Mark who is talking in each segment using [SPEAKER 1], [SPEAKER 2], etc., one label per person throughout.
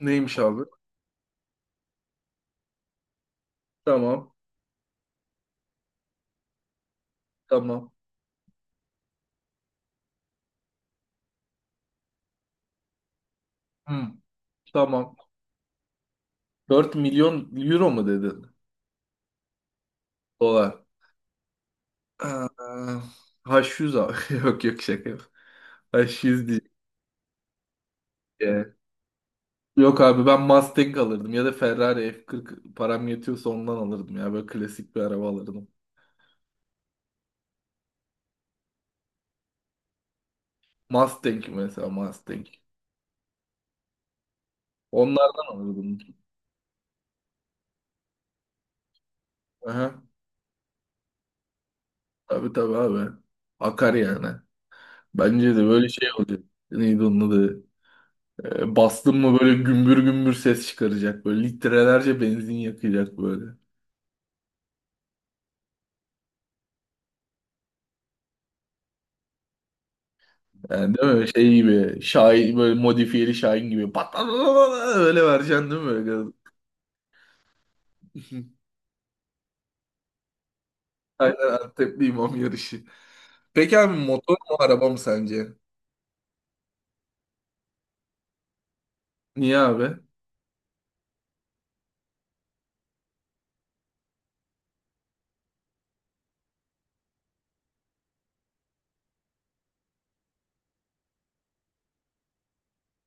[SPEAKER 1] Neymiş abi? Tamam. Tamam. Hı, tamam. 4 milyon euro mu dedin? Dolar. Ee, H100 abi. Yok yok şaka. Yok. H100 değil. Ee, Yok abi ben Mustang alırdım ya da Ferrari F40 param yetiyorsa ondan alırdım ya böyle klasik bir araba alırdım. Mustang mesela Mustang. Onlardan alırdım. Aha, tabii tabii abi. Akar yani. Bence de böyle şey olacak. Neydi onun adı? Bastın mı böyle gümbür gümbür ses çıkaracak. Böyle litrelerce benzin yakacak böyle. Yani değil mi? Şey gibi. Şahin böyle modifiyeli Şahin gibi. Pat pat pat pat öyle vereceksin değil mi? Böyle? Aynen, Antepli imam yarışı. Peki abi motor mu araba mı sence? Niye abi?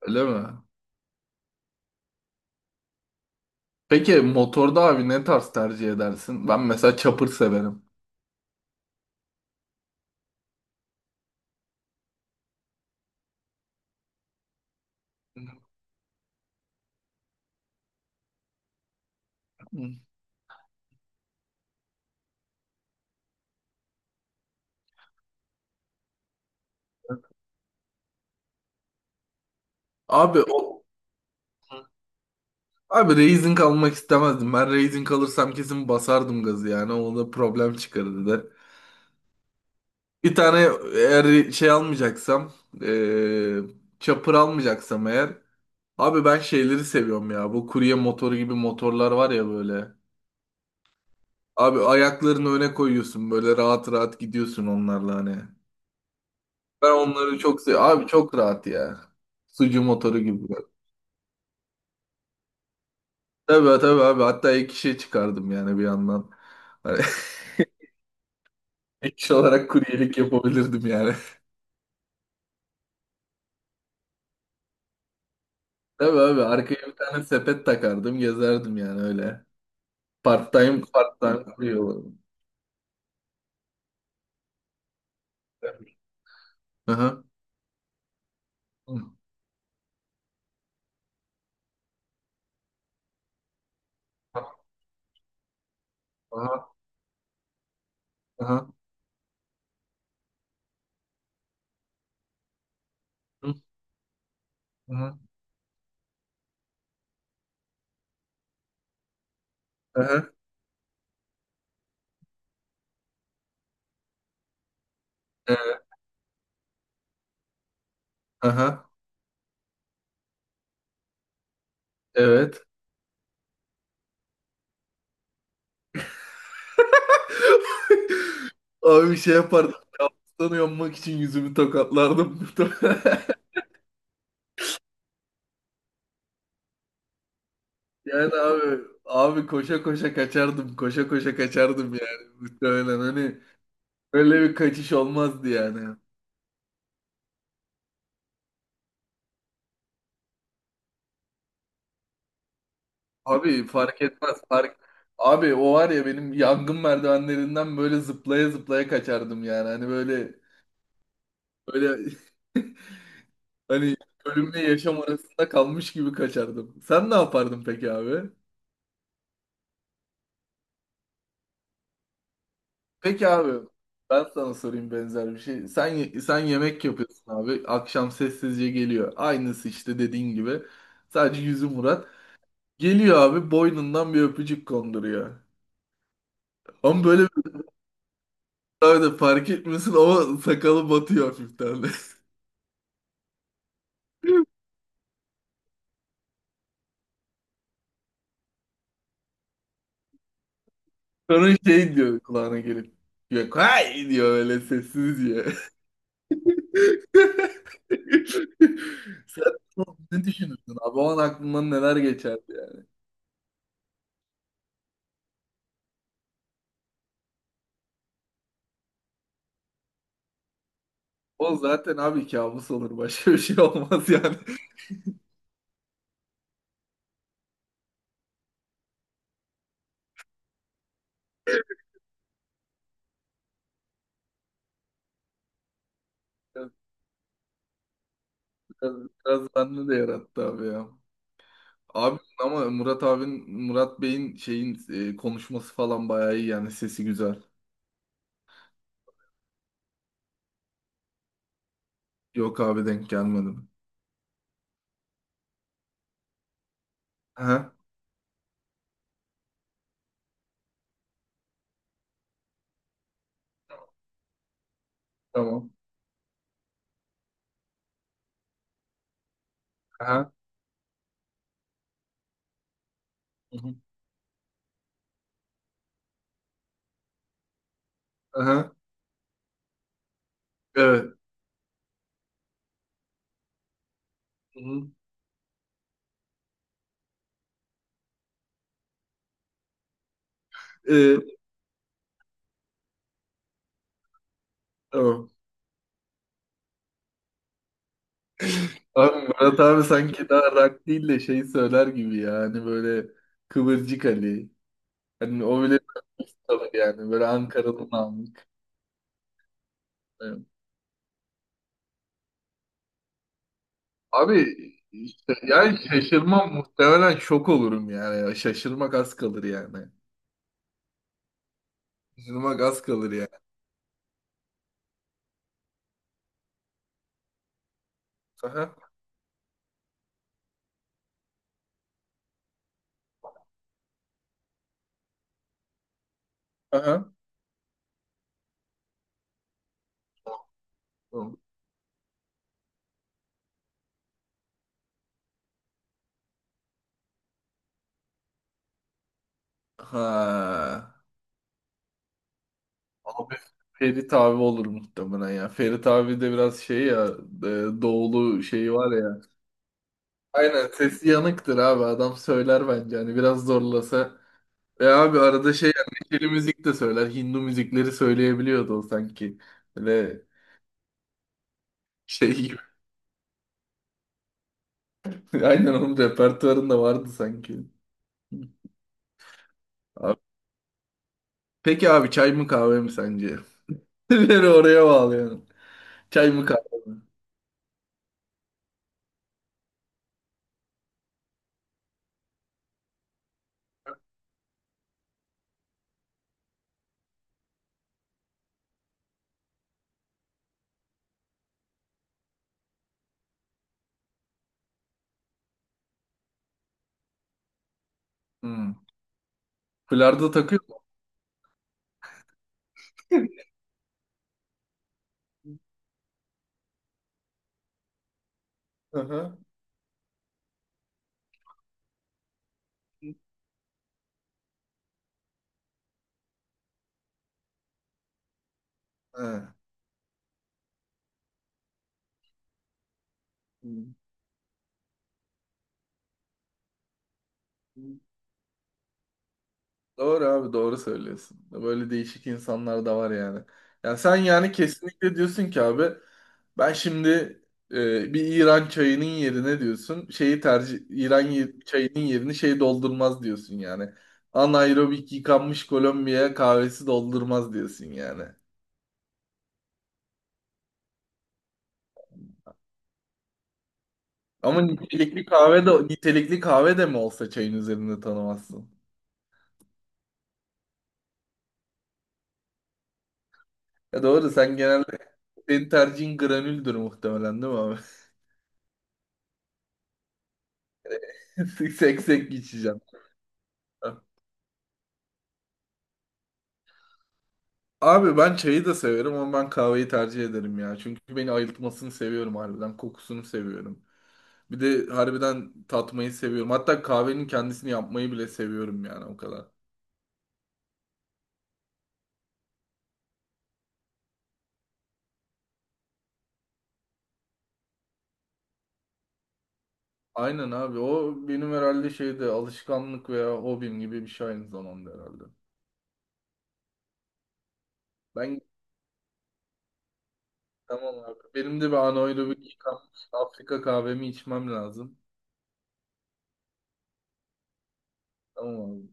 [SPEAKER 1] Öyle mi? Peki motorda abi ne tarz tercih edersin? Ben mesela chopper severim. Abi o abi Raising almak istemezdim. Ben Raising alırsam kesin basardım gazı yani. O da problem çıkarırdı. Bir tane eğer şey almayacaksam, eee çapır almayacaksam eğer. Abi ben şeyleri seviyorum ya. Bu kurye motoru gibi motorlar var ya böyle. Abi ayaklarını öne koyuyorsun böyle rahat rahat gidiyorsun onlarla hani. Ben onları çok seviyorum. Abi çok rahat ya. Sucu motoru gibi. Tabii tabii abi. Hatta ek işe çıkardım yani bir yandan. Hani ek iş olarak kuryelik yapabilirdim yani. Tabii abi arkaya bir tane sepet takardım gezerdim yani öyle. Part time part time kuruyor. Aha. Hı. Aha. Aha. Hı. Aha. Aha. Ee, Aha. Evet. Abi bir şey yapardım. Kaptanı yanmak için yüzümü tokatlardım. Yani abi koşa koşa kaçardım. Koşa koşa kaçardım yani. Muhtemelen hani öyle bir kaçış olmazdı yani. Abi fark etmez. Abi o var ya benim yangın merdivenlerinden böyle zıplaya zıplaya kaçardım yani. Hani böyle böyle hani ölümle yaşam arasında kalmış gibi kaçardım. Sen ne yapardın peki abi? Peki abi ben sana sorayım benzer bir şey. Sen yemek yapıyorsun abi. Akşam sessizce geliyor. Aynısı işte dediğin gibi. Sadece yüzü Murat. Geliyor abi boynundan bir öpücük konduruyor. Ama böyle bir şey abi de fark etmiyorsun ama sakalı batıyor hafiften de. Sonra şey diyor kulağına gelip. Yok hay diyor öyle sessiz diyor. Sen ne düşünürsün abi? O an aklından neler geçerdi yani. O zaten abi kabus olur. Başka bir şey olmaz yani. Biraz, biraz, biraz bende de yarattı abi ya. Abi ama Murat abin, Murat Bey'in şeyin konuşması falan bayağı iyi yani. Sesi güzel. Yok abi denk gelmedim. Aha, tamam. Aha. Hı hı. Aha. Evet. Hı hı. E, tamam. Abi Murat abi sanki daha rock değil de şey söyler gibi ya. Hani böyle Kıvırcık Ali. Hani o bile tabii yani. Böyle Ankara'dan aldık. Evet. Abi işte yani şaşırmam muhtemelen şok olurum yani. Ya. Şaşırmak az kalır yani. Şaşırmak az kalır yani. Aha. Aha. Tamam. Ha. Abi Ferit abi olur muhtemelen ya. Ferit abi de biraz şey ya doğulu şeyi var ya. Aynen sesi yanıktır abi adam söyler bence hani biraz zorlasa. Ve abi arada şey yani neşeli müzik de söyler, Hindu müzikleri söyleyebiliyordu o sanki. Böyle şey gibi. Aynen onun repertuarında vardı sanki. Abi- Peki abi çay mı kahve mi sence? Beni oraya bağlayalım. Çay mı kahve mi? Hmm. Bilardo takıyor mu? Aha. Ha. Doğru abi doğru söylüyorsun. Böyle değişik insanlar da var yani. Yani sen yani kesinlikle diyorsun ki abi ben şimdi bir İran çayının yerine diyorsun şeyi tercih çayının yerini şey doldurmaz diyorsun yani. Anaerobik yıkanmış Kolombiya kahvesi doldurmaz diyorsun yani. Ama nitelikli kahve de nitelikli kahve de mi olsa çayın üzerinde tanımazsın. Ya doğru, sen genelde senin tercihin granüldür muhtemelen değil mi abi? Seksek içeceksin. Abi ben çayı da severim ama ben kahveyi tercih ederim ya. Çünkü beni ayıltmasını seviyorum harbiden. Kokusunu seviyorum. Bir de harbiden tatmayı seviyorum. Hatta kahvenin kendisini yapmayı bile seviyorum yani o kadar. Aynen abi, o benim herhalde şeyde alışkanlık veya hobim gibi bir şey aynı zamanda herhalde. Ben tamam abi. Benim de bir anaerobik yıkanmış Afrika kahvemi içmem lazım. Tamam abi.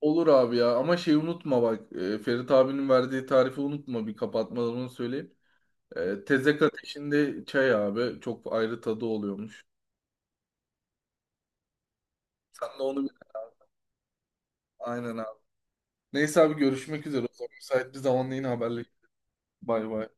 [SPEAKER 1] Olur abi ya ama şey unutma bak Ferit abinin verdiği tarifi unutma, bir kapatmadan onu söyleyeyim. Tezek ateşinde çay abi. Çok ayrı tadı oluyormuş. Sen de onu bir... Aynen abi. Neyse abi görüşmek üzere o zaman. Müsait bir zamanda yine haberleşelim. Bay bay.